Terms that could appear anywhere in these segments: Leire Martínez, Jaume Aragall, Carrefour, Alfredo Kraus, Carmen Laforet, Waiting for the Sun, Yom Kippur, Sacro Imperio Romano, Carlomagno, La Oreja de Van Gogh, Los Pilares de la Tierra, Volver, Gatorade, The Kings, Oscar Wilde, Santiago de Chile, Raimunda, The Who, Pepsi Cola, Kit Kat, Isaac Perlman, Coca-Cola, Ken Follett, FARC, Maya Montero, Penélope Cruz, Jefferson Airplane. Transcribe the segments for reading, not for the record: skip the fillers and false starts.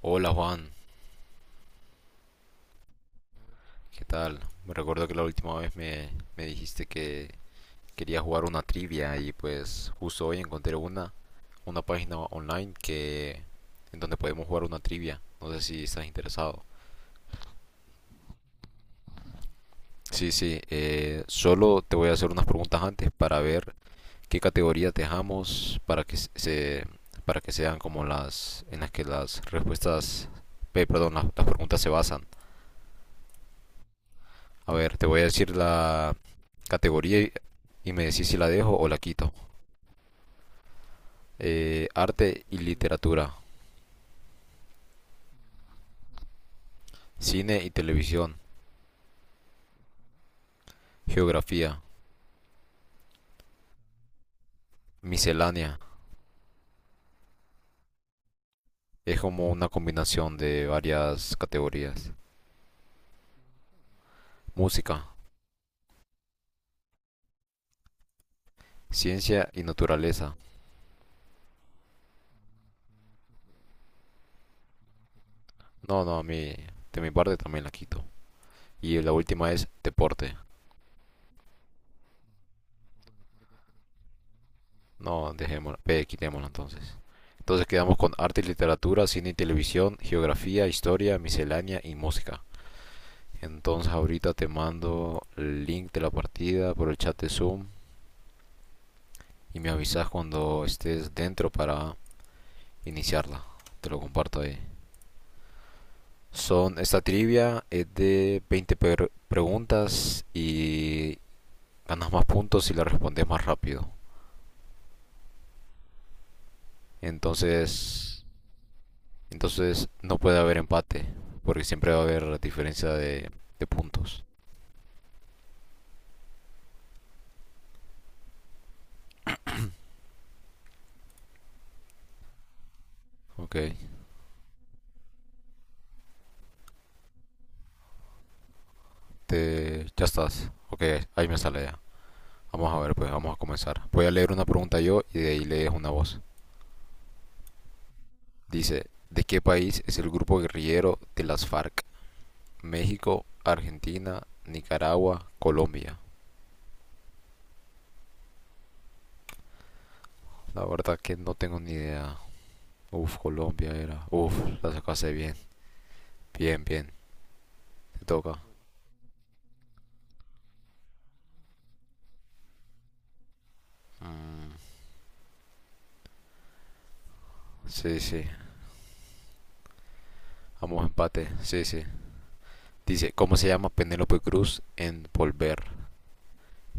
Hola Juan, ¿qué tal? Me recuerdo que la última vez me dijiste que quería jugar una trivia y pues justo hoy encontré una página online que en donde podemos jugar una trivia. No sé si estás interesado. Sí, sí, solo te voy a hacer unas preguntas antes para ver qué categoría te dejamos para que sean como las en las que las respuestas, perdón, las preguntas se basan. A ver, te voy a decir la categoría y me decís si la dejo o la quito. Arte y literatura, cine y televisión, geografía, miscelánea. Es como una combinación de varias categorías. Música, ciencia y naturaleza. No, no, a mí, de mi parte también la quito. Y la última es deporte. No, dejémosla, P, quitémosla entonces. Entonces quedamos con arte y literatura, cine y televisión, geografía, historia, miscelánea y música. Entonces ahorita te mando el link de la partida por el chat de Zoom y me avisas cuando estés dentro para iniciarla. Te lo comparto ahí. Esta trivia es de 20 preguntas y ganas más puntos si la respondes más rápido. Entonces, entonces no puede haber empate porque siempre va a haber diferencia de puntos. Ok, ya estás. Ok, ahí me sale ya. Vamos a ver, pues vamos a comenzar. Voy a leer una pregunta yo y de ahí lees una voz. Dice, ¿de qué país es el grupo guerrillero de las FARC? México, Argentina, Nicaragua, Colombia. La verdad que no tengo ni idea. Uf, Colombia era. Uf, la sacaste bien. Bien, bien. Te toca. Mm, sí, sí. Vamos empate. Sí, sí. Dice, ¿cómo se llama Penélope Cruz en Volver?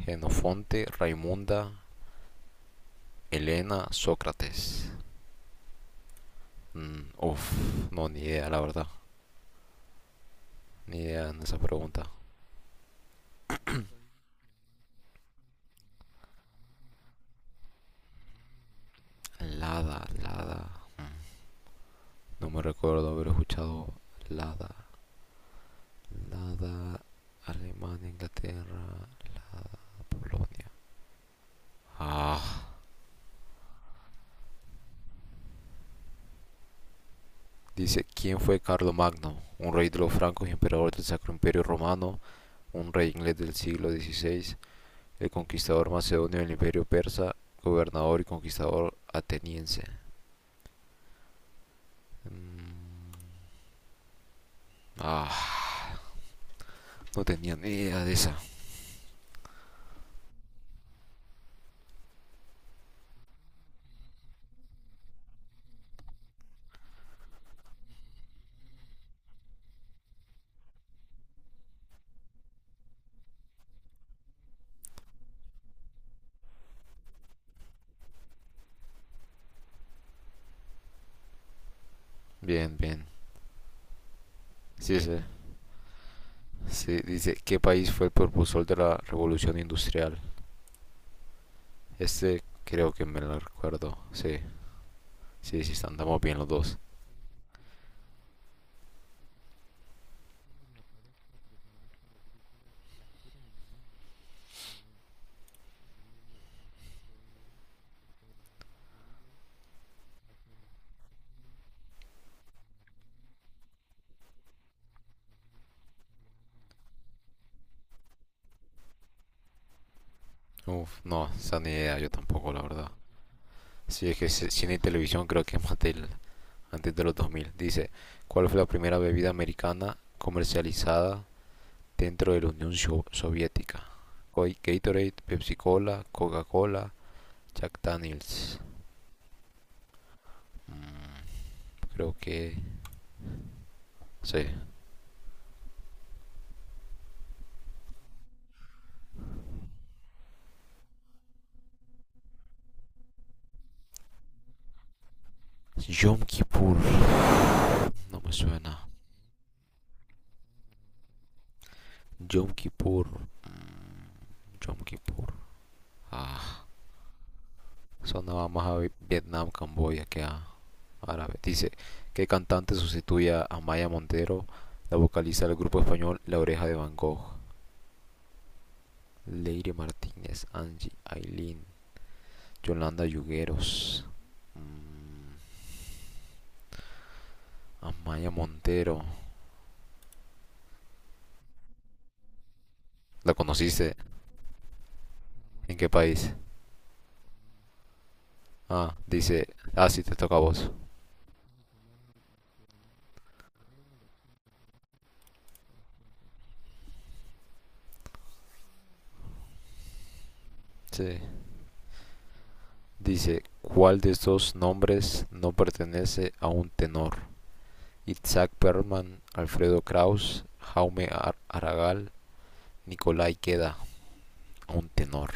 Genofonte, Raimunda, Elena, Sócrates. Mm, uf, no, ni idea, la verdad. Ni idea en esa pregunta. Lada, Lada. No me recuerdo haber escuchado Lada. Lada, Alemania, Inglaterra, Polonia. Ah, dice, ¿quién fue Carlomagno? Un rey de los francos y emperador del Sacro Imperio Romano, un rey inglés del siglo XVI, el conquistador macedonio del Imperio Persa, gobernador y conquistador ateniense. Mm, ah, no tenía ni idea de esa. Bien, bien. Sí, sí, sí. Dice, ¿qué país fue el propulsor de la revolución industrial? Este creo que me lo recuerdo. Sí, sí, sí, andamos bien los dos. Uf, no, esa ni idea, yo tampoco, la verdad. Sí, es que cine y televisión creo que es más antes de los 2000. Dice, ¿cuál fue la primera bebida americana comercializada dentro de la Unión Soviética? Hoy Gatorade, Pepsi Cola, Coca-Cola, Jack Daniels. Creo que sí. Yom Kippur, no me suena. Yom Kippur, Yom Kippur. Ah, sonaba más a Vietnam, Camboya que a árabe. Dice, ¿qué cantante sustituye a Maya Montero, la vocalista del grupo español La Oreja de Van Gogh? Leire Martínez, Angie, Aileen, Yolanda Yugueros, Amaya Montero. ¿La conociste? ¿En qué país? Ah, dice, ah, sí, te toca a vos. Sí. Dice, ¿cuál de estos nombres no pertenece a un tenor? Isaac Perlman, Alfredo Kraus, Jaume Aragall, Nicolai queda un tenor.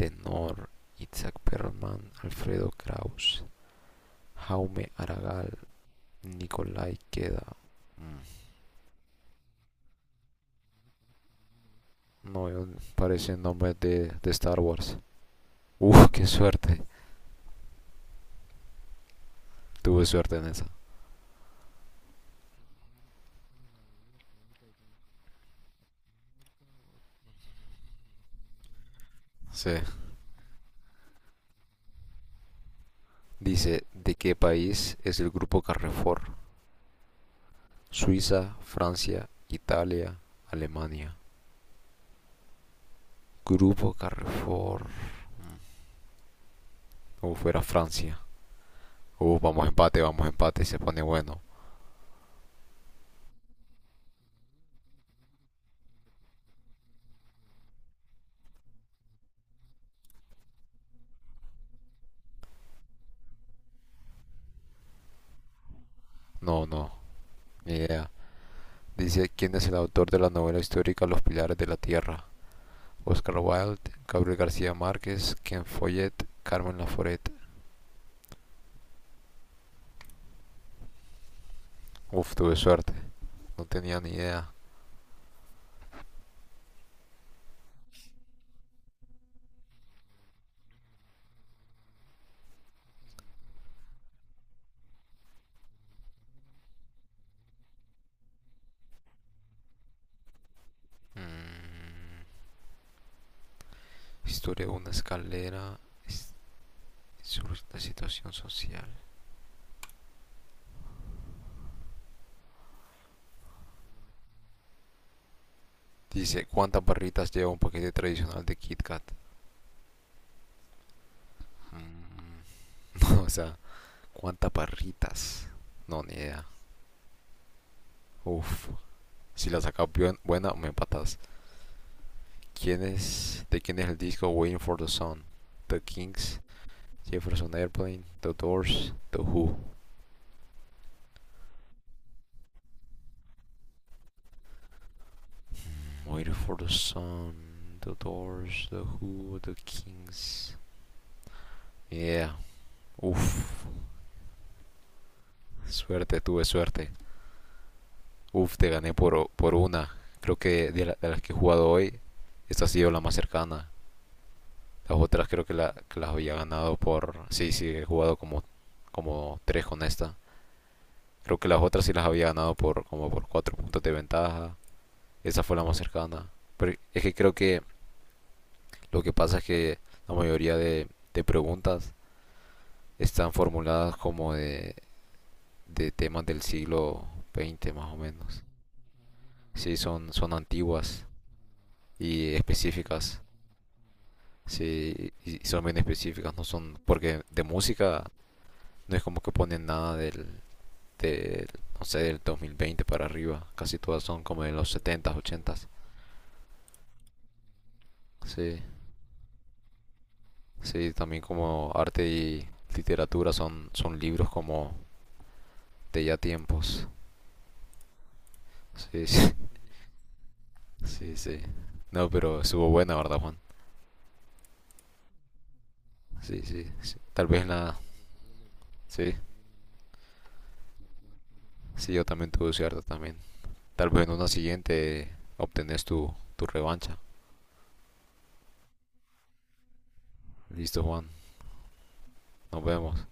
Tenor Isaac Perlman, Alfredo Kraus, Jaume Aragal, Nicolai queda. Mm, No veo, parecen nombres de Star Wars. Uf, qué suerte. Tuve suerte en esa. Sí. Dice, ¿de qué país es el grupo Carrefour? Suiza, Francia, Italia, Alemania. Grupo Carrefour. Uf, fuera Francia. Uf, vamos a empate, se pone bueno. No, no, ni idea. Dice quién es el autor de la novela histórica Los Pilares de la Tierra. Oscar Wilde, Gabriel García Márquez, Ken Follett, Carmen Laforet. Uf, tuve suerte. No tenía ni idea. Mm, historia de una escalera. Sobre la situación social. Dice, ¿cuántas barritas lleva un paquete tradicional de Kit Kat? Mm, o sea, ¿cuántas barritas? No, ni idea. Uf. Si la sacas bien- buena, me empatas. ¿De quién es el disco Waiting for the Sun? The Kings, Jefferson Airplane, The Doors, The Who. Waiting for the Sun, The Doors, The Who, The Kings. Yeah, uff. Suerte, tuve suerte. Uff, te gané por una. Creo que de las que he jugado hoy, esta ha sido la más cercana. Las otras creo que las había ganado por. Sí, sí, he jugado como tres con esta. Creo que las otras sí las había ganado por como por cuatro puntos de ventaja. Esa fue la más cercana. Pero es que creo que lo que pasa es que la mayoría de preguntas están formuladas como de temas del siglo XX más o menos. Sí, son antiguas y específicas. Sí, y son bien específicas, no son. Porque de música no es como que ponen nada del no sé, del 2020 para arriba. Casi todas son como de los 70s, 80s. Sí. Sí, también como arte y literatura son libros como de ya tiempos. Sí, sí, sí, sí. No, pero estuvo buena, ¿verdad, Juan? Sí, sí, sí. Tal vez en la. Sí, sí, yo también tuve cierta también. Tal vez en una siguiente obtenés tu revancha. Listo, Juan. Nos vemos.